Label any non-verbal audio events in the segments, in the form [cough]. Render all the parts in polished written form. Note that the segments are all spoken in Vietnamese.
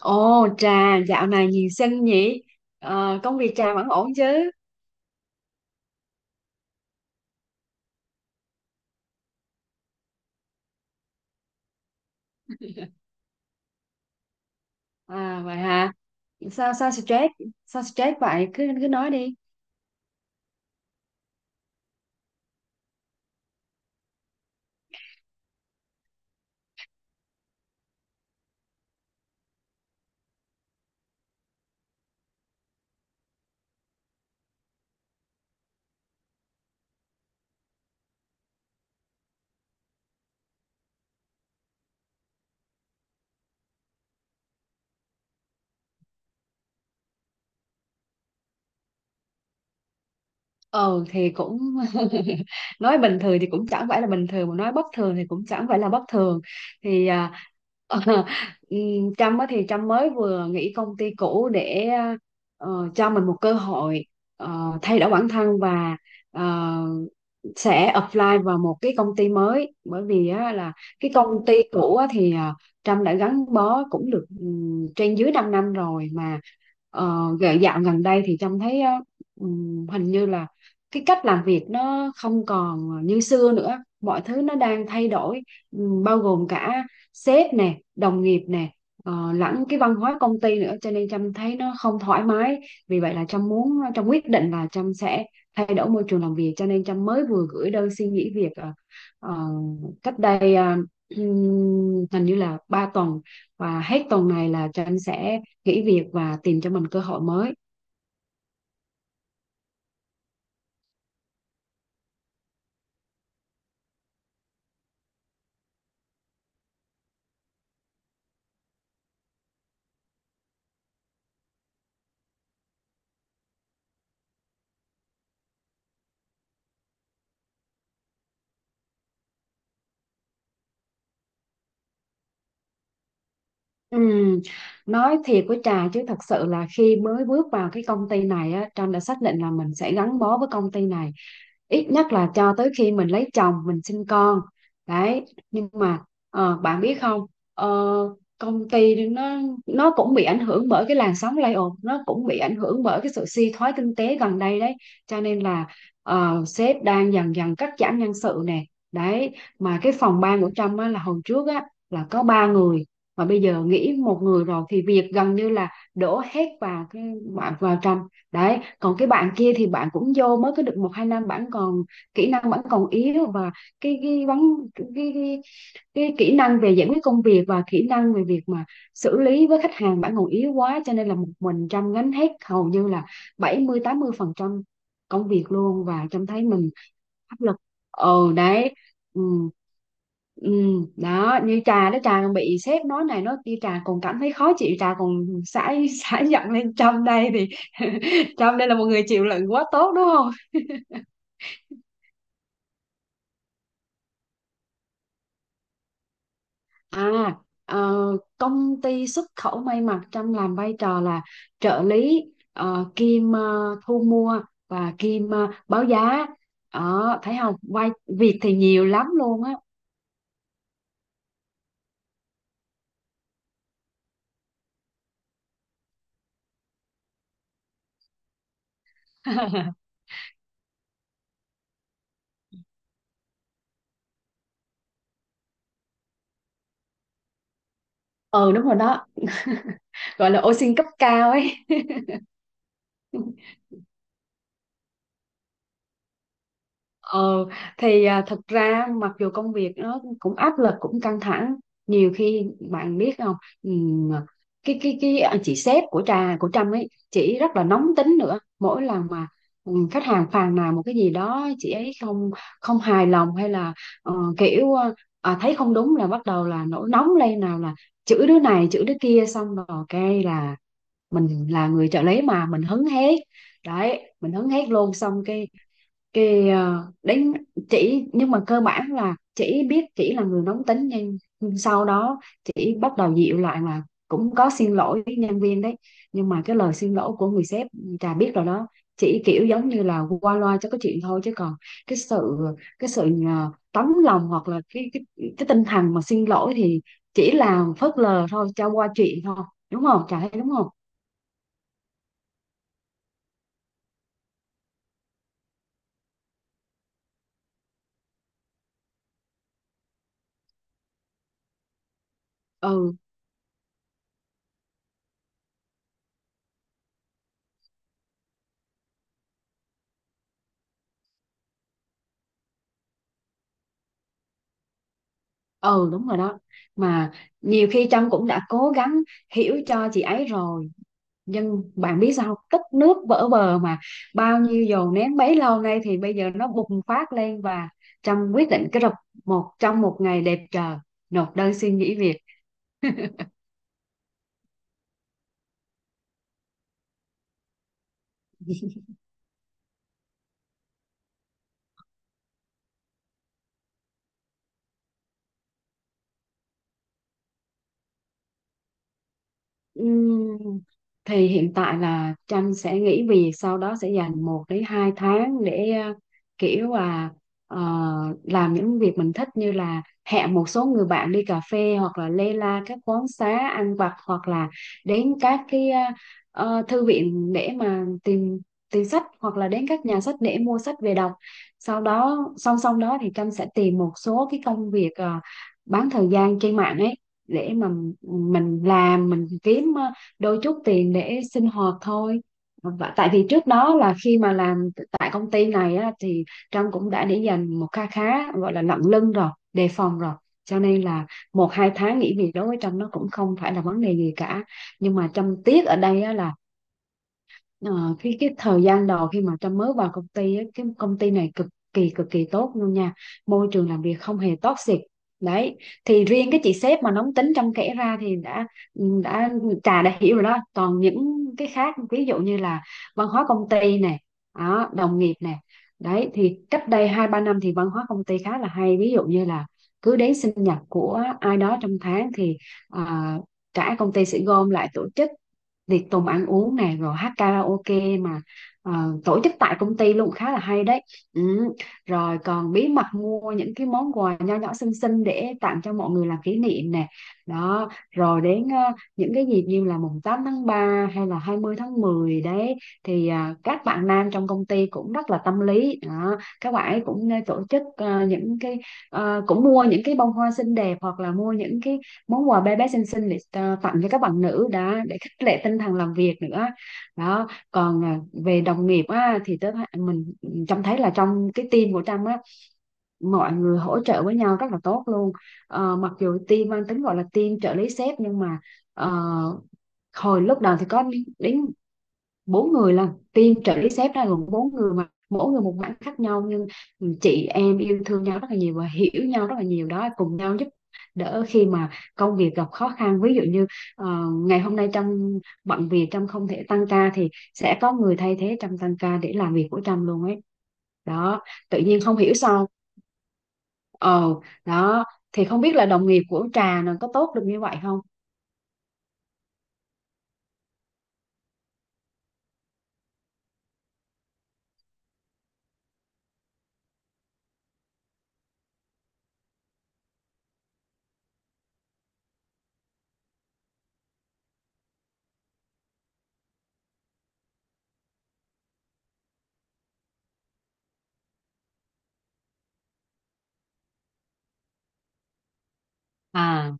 Ồ, Trà dạo này nhiều sân nhỉ. Công việc Trà vẫn ổn chứ? [laughs] À vậy hả? Sao sao stress? Sao stress vậy? Cứ cứ nói đi. Ừ thì cũng [laughs] nói bình thường thì cũng chẳng phải là bình thường, mà nói bất thường thì cũng chẳng phải là bất thường. thì à, [laughs] ờ, Trâm á thì Trâm mới vừa nghỉ công ty cũ để ờ, cho mình một cơ hội thay đổi bản thân và ờ, sẽ apply vào một cái công ty mới, bởi vì á, là cái công ty cũ á, Trâm đã gắn bó cũng được trên dưới 5 năm rồi. Mà dạo gần đây thì Trâm thấy á, hình như là cái cách làm việc nó không còn như xưa nữa, mọi thứ nó đang thay đổi, bao gồm cả sếp nè, đồng nghiệp nè, lẫn cái văn hóa công ty nữa, cho nên Trâm thấy nó không thoải mái. Vì vậy là Trâm muốn, Trâm quyết định là Trâm sẽ thay đổi môi trường làm việc, cho nên Trâm mới vừa gửi đơn xin nghỉ việc ờ, cách đây hình như là 3 tuần, và hết tuần này là Trâm sẽ nghỉ việc và tìm cho mình cơ hội mới. Ừ, nói thiệt với Trà chứ, thật sự là khi mới bước vào cái công ty này á, Trâm đã xác định là mình sẽ gắn bó với công ty này ít nhất là cho tới khi mình lấy chồng, mình sinh con. Đấy, nhưng mà bạn biết không, ờ, công ty nó cũng bị ảnh hưởng bởi cái làn sóng layoff, nó cũng bị ảnh hưởng bởi cái sự suy thoái kinh tế gần đây đấy. Cho nên là sếp đang dần dần cắt giảm nhân sự nè. Đấy, mà cái phòng ban của Trâm á, là hồi trước á là có ba người, mà bây giờ nghĩ một người rồi, thì việc gần như là đổ hết vào cái bạn vào Trâm. Đấy, còn cái bạn kia thì bạn cũng vô mới có được một hai năm, bạn còn kỹ năng vẫn còn yếu. Và cái vấn cái, cái, cái kỹ năng về giải quyết công việc và kỹ năng về việc mà xử lý với khách hàng bạn còn yếu quá, cho nên là một mình Trâm gánh hết, hầu như là bảy mươi tám mươi phần trăm công việc luôn, và Trâm thấy mình áp lực. Ừ đấy, ừ. Ừ, đó, như trà đó, trà còn bị sếp nói này nói kia trà còn cảm thấy khó chịu, trà còn [laughs] xả xả giận lên Trâm đây thì [laughs] Trâm đây là một người chịu đựng quá tốt đúng không? À, ờ, công ty xuất khẩu may mặc, Trâm làm vai trò là trợ lý, kiêm thu mua, và kiêm báo giá. Đó, thấy không? Vai việc thì nhiều lắm luôn á. [laughs] Ừ đúng rồi đó. [laughs] Gọi là ô xin cấp cao ấy. [laughs] Ờ, thì à, thật ra mặc dù công việc nó cũng áp lực cũng căng thẳng, nhiều khi bạn biết không, ừm, à, chị sếp của trà, của Trâm ấy, chị rất là nóng tính nữa. Mỗi lần mà khách hàng phàn nàn một cái gì đó chị ấy không, không hài lòng, hay là kiểu thấy không đúng là bắt đầu là nổi nóng lên, nào là chửi đứa này chửi đứa kia, xong rồi cái là mình là người trợ lý mà mình hứng hết. Đấy, mình hứng hết luôn. Xong cái đến chỉ, nhưng mà cơ bản là chỉ biết chỉ là người nóng tính, nhưng sau đó chỉ bắt đầu dịu lại là cũng có xin lỗi với nhân viên đấy. Nhưng mà cái lời xin lỗi của người sếp, trà biết rồi đó, chỉ kiểu giống như là qua loa cho cái chuyện thôi, chứ còn cái sự cái sự tấm lòng, hoặc là cái tinh thần mà xin lỗi thì chỉ là phớt lờ thôi, cho qua chuyện thôi, đúng không, trà thấy đúng không? Ừ ừ, đúng rồi đó. Mà nhiều khi Trâm cũng đã cố gắng hiểu cho chị ấy rồi, nhưng bạn biết sao không? Tích nước vỡ bờ mà. Bao nhiêu dồn nén bấy lâu nay thì bây giờ nó bùng phát lên, và Trâm quyết định cái rập một trong một ngày đẹp trời nộp đơn xin nghỉ việc. Ừm, thì hiện tại là Tranh sẽ nghỉ việc, sau đó sẽ dành một đến hai tháng để kiểu là ờ, làm những việc mình thích, như là hẹn một số người bạn đi cà phê, hoặc là lê la các quán xá ăn vặt, hoặc là đến các cái thư viện để mà tìm tìm sách, hoặc là đến các nhà sách để mua sách về đọc. Sau đó song song đó thì Tranh sẽ tìm một số cái công việc bán thời gian trên mạng ấy, để mà mình làm mình kiếm đôi chút tiền để sinh hoạt thôi. Và tại vì trước đó là khi mà làm tại công ty này á, thì Trâm cũng đã để dành một kha khá gọi là lận lưng rồi, đề phòng rồi, cho nên là một hai tháng nghỉ việc đối với Trâm nó cũng không phải là vấn đề gì cả. Nhưng mà Trâm tiếc ở đây á, là Ờ, cái thời gian đầu khi mà Trâm mới vào công ty á, cái công ty này cực kỳ tốt luôn nha, môi trường làm việc không hề toxic. Đấy, thì riêng cái chị sếp mà nóng tính Trâm kể ra thì đã đã trà đã hiểu rồi đó. Còn những cái khác, ví dụ như là văn hóa công ty này, đó, đồng nghiệp này. Đấy, thì cách đây hai ba năm thì văn hóa công ty khá là hay. Ví dụ như là cứ đến sinh nhật của ai đó trong tháng thì à, cả công ty sẽ gom lại tổ chức tiệc tùng ăn uống này, rồi hát karaoke mà ờ, tổ chức tại công ty luôn, khá là hay đấy. Ừ. Rồi còn bí mật mua những cái món quà nho nhỏ xinh xinh để tặng cho mọi người làm kỷ niệm nè. Đó, rồi đến những cái dịp như là mùng 8 tháng 3 hay là 20 tháng 10 đấy, thì à, các bạn nam trong công ty cũng rất là tâm lý đó. Các bạn ấy cũng nên tổ chức cũng mua những cái bông hoa xinh đẹp, hoặc là mua những cái món quà bé bé xinh xinh để tặng cho các bạn nữ đã, để khích lệ tinh thần làm việc nữa. Đó, còn à, về đồng nghiệp á, thì mình trông thấy là trong cái team của Trâm á, mọi người hỗ trợ với nhau rất là tốt luôn. Ờ, mặc dù team mang tính gọi là team trợ lý sếp, nhưng mà ờ, hồi lúc đầu thì có đến bốn người lần, team trợ lý sếp ra gồm bốn người mà mỗi người một mảng khác nhau, nhưng chị em yêu thương nhau rất là nhiều và hiểu nhau rất là nhiều đó, cùng nhau giúp đỡ khi mà công việc gặp khó khăn. Ví dụ như ờ, ngày hôm nay Trâm bận việc, Trâm không thể tăng ca thì sẽ có người thay thế Trâm tăng ca để làm việc của Trâm luôn ấy. Đó, tự nhiên không hiểu sao ờ đó, thì không biết là đồng nghiệp của Trà nó có tốt được như vậy không. À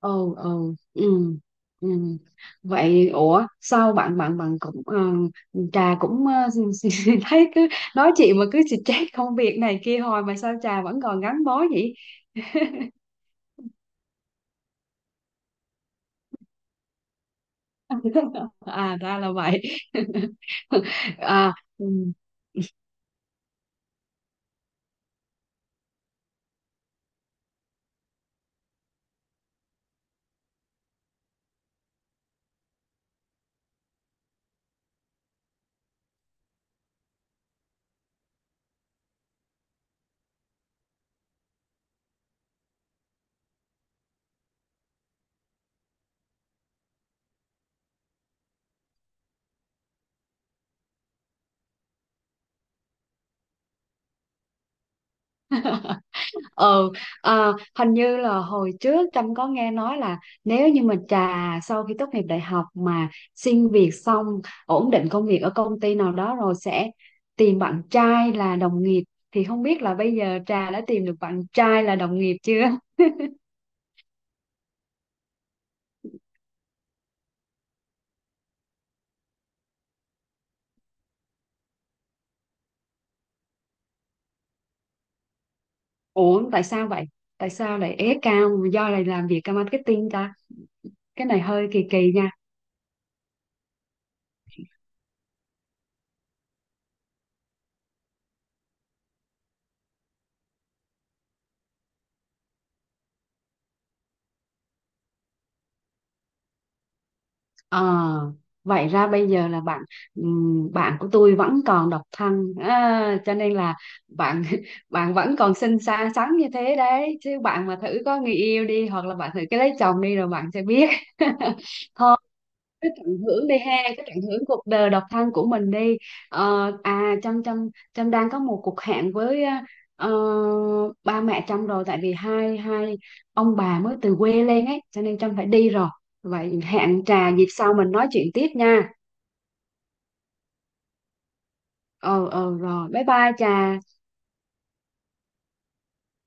ừ ừ ừ ừ, vậy ủa sao bạn bạn bạn cũng trà cũng [laughs] thấy cứ nói chuyện mà cứ stress công việc này kia, hồi mà sao trà vẫn còn gắn bó vậy? [laughs] À ra là vậy. [laughs] À, ừ. Ừ, à, hình như là hồi trước Trâm có nghe nói là nếu như mà Trà sau khi tốt nghiệp đại học mà xin việc xong, ổn định công việc ở công ty nào đó rồi sẽ tìm bạn trai là đồng nghiệp, thì không biết là bây giờ Trà đã tìm được bạn trai là đồng nghiệp chưa? [laughs] Ủa tại sao vậy? Tại sao lại ế cao do lại làm việc marketing ta? Cái này hơi kỳ kỳ nha. Ờ, vậy ra bây giờ là bạn, bạn của tôi vẫn còn độc thân à, cho nên là bạn [laughs] bạn vẫn còn xinh xắn xắn như thế đấy. Chứ bạn mà thử có người yêu đi, hoặc là bạn thử cái lấy chồng đi rồi bạn sẽ biết. [laughs] Thôi cứ tận hưởng đi ha, cứ tận hưởng cuộc đời độc thân của mình đi. Ờ, à Trâm Trâm Trâm đang có một cuộc hẹn với ờ, ba mẹ Trâm rồi, tại vì hai hai ông bà mới từ quê lên ấy, cho nên Trâm phải đi rồi. Vậy hẹn trà dịp sau mình nói chuyện tiếp nha. Ờ ờ, rồi bye bye Trà.